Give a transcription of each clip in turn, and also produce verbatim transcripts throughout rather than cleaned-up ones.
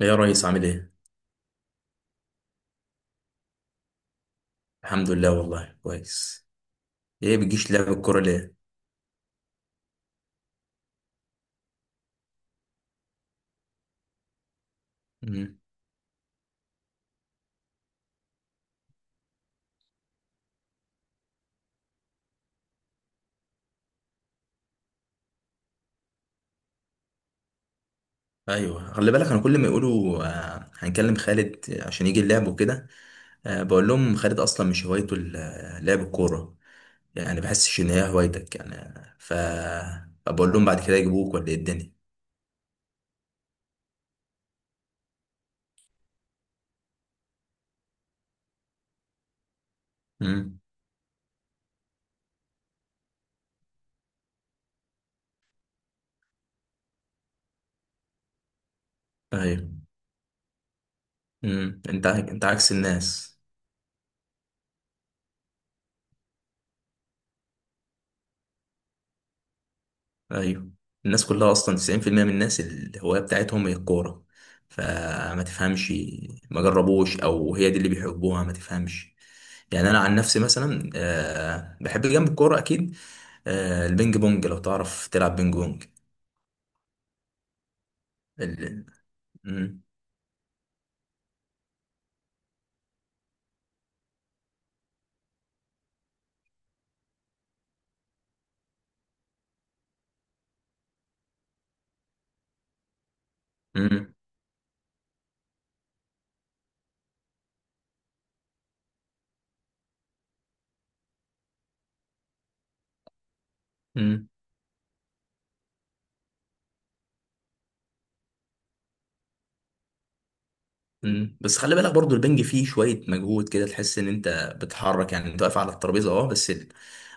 ايه يا ريس عامل ايه؟ الحمد لله والله كويس. ايه بتجيش لعب الكورة ليه؟ مم. ايوه خلي بالك انا كل ما يقولوا آه، هنكلم خالد عشان يجي اللعب وكده. آه، بقول لهم خالد اصلا مش هوايته ال- آه، لعب الكورة، يعني بحسش ان هي هوايتك يعني. ف بقول لهم بعد كده يجيبوك ولا ايه الدنيا؟ مم. ايوه. مم. انت عك- انت عكس الناس. ايوه، الناس كلها اصلا تسعين في المئة من الناس الهوايه بتاعتهم هي الكوره، فما تفهمش ما جربوش او هي دي اللي بيحبوها ما تفهمش. يعني انا عن نفسي مثلا آه، بحب جنب الكوره اكيد، آه، البينج بونج لو تعرف تلعب بينج بونج. ال- مم، مم، مم. مم. بس خلي بالك برضو البنج فيه شوية مجهود كده، تحس ان انت بتحرك، يعني انت واقف على الترابيزة اه بس ال-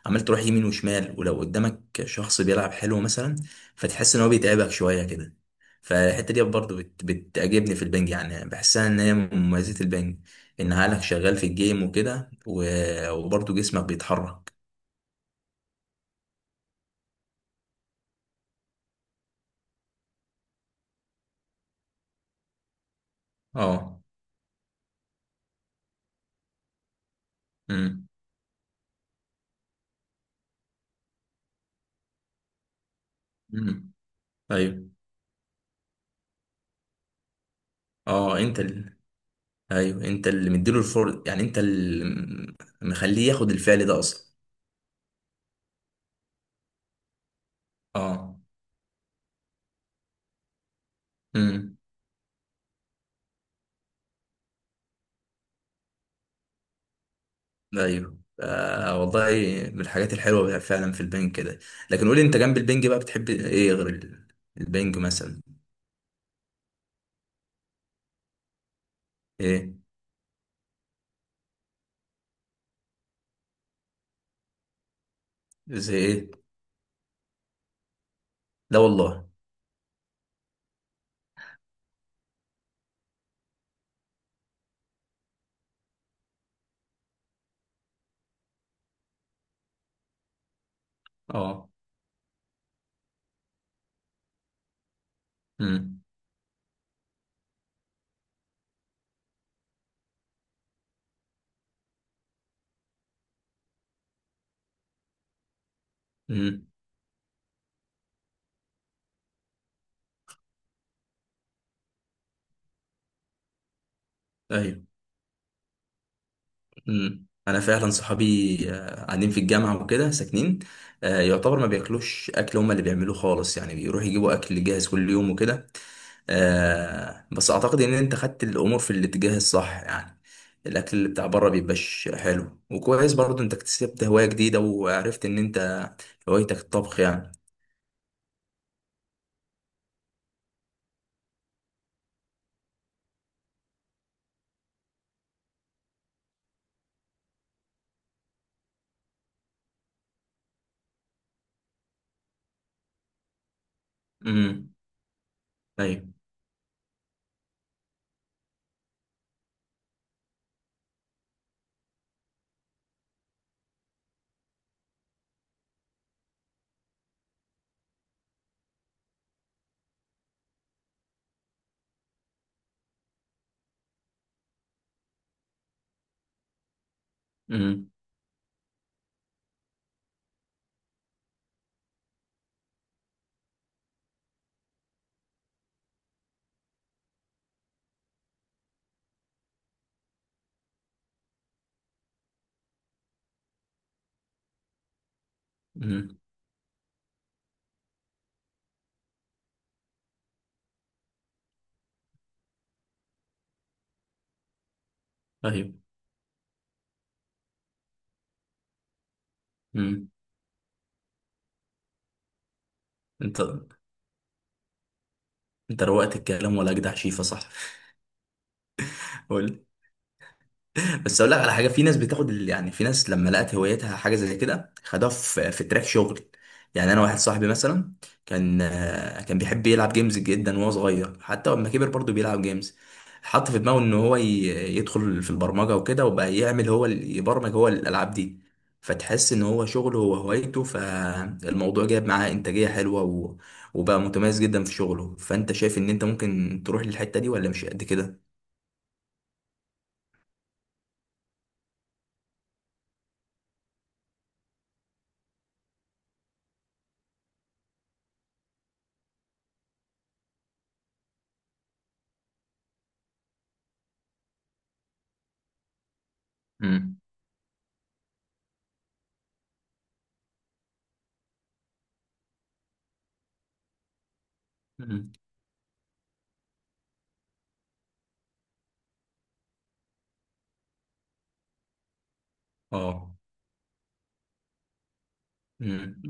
عمال تروح يمين وشمال، ولو قدامك شخص بيلعب حلو مثلا فتحس ان هو بيتعبك شوية كده. فالحتة دي برضو بت... بتعجبني في البنج، يعني بحسها ان هي من مميزات البنج، ان عقلك شغال في الجيم وكده و... وبرضو جسمك بيتحرك. اه. مم. مم. ايوه. اه انت ال... ايوه انت اللي مديله الفرصة، يعني انت اللي مخليه ياخد الفعل ده اصلا. اه. امم. ايوه. آه والله، من الحاجات الحلوه بقى فعلا في البنج كده. لكن قولي انت جنب البنج بقى بتحب ايه غير ال- البنج مثلا؟ ايه، زي ايه؟ لا والله. اه. امم. امم. ايوه. امم انا فعلا صحابي آه، قاعدين في الجامعه وكده ساكنين، آه يعتبر ما بياكلوش اكل هما اللي بيعملوه خالص، يعني بيروحوا يجيبوا اكل جاهز كل يوم وكده. آه بس اعتقد ان انت خدت الامور في الاتجاه الصح، يعني الاكل اللي بتاع بره بيبقاش حلو وكويس، برضو انت اكتسبت هواية جديدة وعرفت ان انت هوايتك الطبخ يعني. امم. ايوه. امم. امم. ايوه. امم. انت انت روقت الكلام، ولا اجدع شيفة صح؟ بس اقول لك على حاجه، في ناس بتاخد ال- يعني في ناس لما لقت هوايتها حاجه زي كده خدوها في في تراك شغل. يعني انا واحد صاحبي مثلا كان، آه، كان بيحب يلعب جيمز جدا وهو صغير، حتى لما كبر برضه بيلعب جيمز. حط في دماغه ان هو ي- يدخل في البرمجه وكده، وبقى يعمل هو ال- يبرمج هو الالعاب دي. فتحس ان هو شغله هو هوايته، فالموضوع جايب معاه انتاجيه حلوه و- وبقى متميز جدا في شغله. فانت شايف ان انت ممكن تروح للحته دي، ولا مش قد كده؟ امم. اه. مم.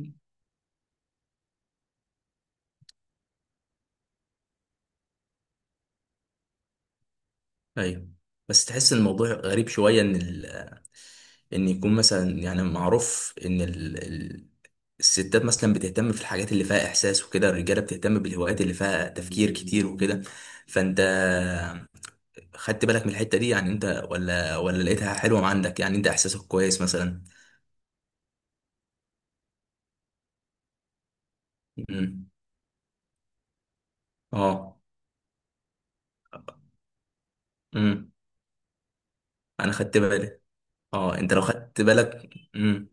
ايوه. بس تحس ان الموضوع غريب شويه، ان ال... ان يكون مثلا يعني معروف ان ال... ال... الستات مثلا بتهتم في الحاجات اللي فيها احساس وكده، الرجاله بتهتم بالهوايات اللي فيها تفكير كتير وكده. فانت خدت بالك من الحته دي يعني انت، ولا ولا لقيتها حلوه عندك؟ يعني انت احساسك كويس مثلا؟ امم. اه. امم. انا خدت بالي. اه انت لو خدت بالك. امم.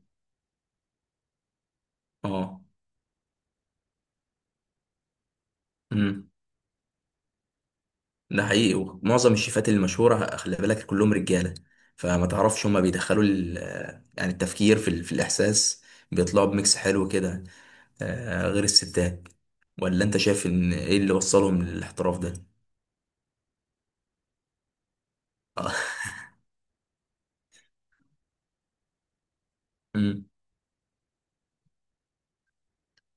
اه. ده حقيقي، ومعظم الشيفات المشهورة خلي بالك كلهم رجالة. فما تعرفش هما بيدخلوا ال- يعني التفكير في، ال- في الإحساس، بيطلعوا بميكس حلو كده آه، غير الستات. ولا أنت شايف إن إيه اللي وصلهم للاحتراف ده؟ آه. أمم.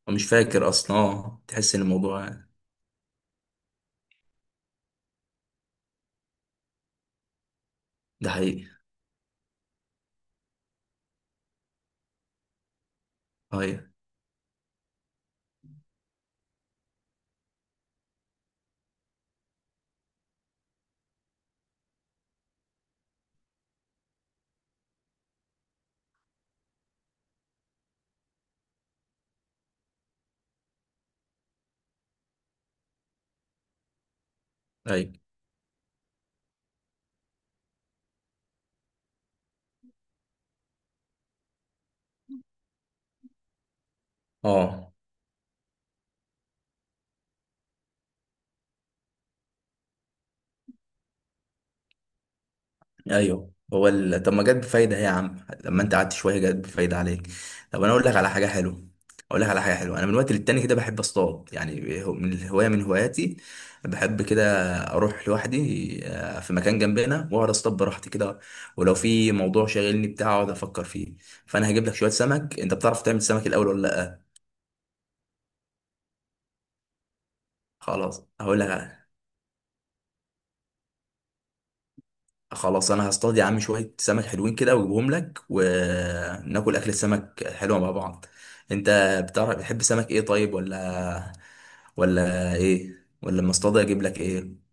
مش فاكر أصلا. آه تحس إن الموضوع ده حقيقي. أيوه. أيوه. آه. ايوه. هو ال... طب ما جت بفايده هي يا عم، لما انت قعدت شويه جت بفايده عليك. طب انا اقول لك على حاجه حلوه. اقول لك على حاجه حلوه، انا من وقت للتاني كده بحب اصطاد، يعني هو- من الهوايه من هواياتي، بحب كده اروح لوحدي آه، في مكان جنبنا واقعد اصطاد براحتي كده، ولو في موضوع شاغلني بتاع اقعد افكر فيه. فانا هجيب لك شويه سمك، انت بتعرف تعمل سمك الاول ولا لا؟ خلاص هقول لك على، خلاص انا هصطاد يا عم شويه سمك حلوين كده واجيبهم لك، وناكل اكل السمك حلوه مع بعض. انت بتعرف بتحب سمك ايه طيب؟ ولا ولا ايه ولا لما اصطاد اجيب لك ايه؟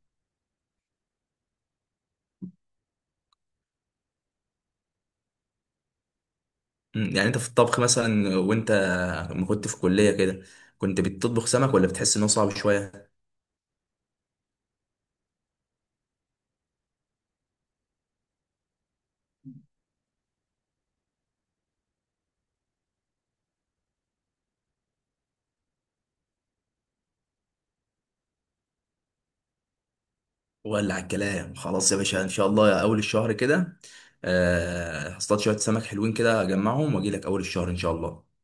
مم، يعني انت في الطبخ مثلا، وانت ما كنت في كليه كده كنت بتطبخ سمك، ولا بتحس انه صعب شويه؟ ولا على الكلام خلاص يا باشا، ان شاء الله اول الشهر كده آه، هصطاد شويه سمك حلوين كده اجمعهم واجي لك اول الشهر ان شاء الله.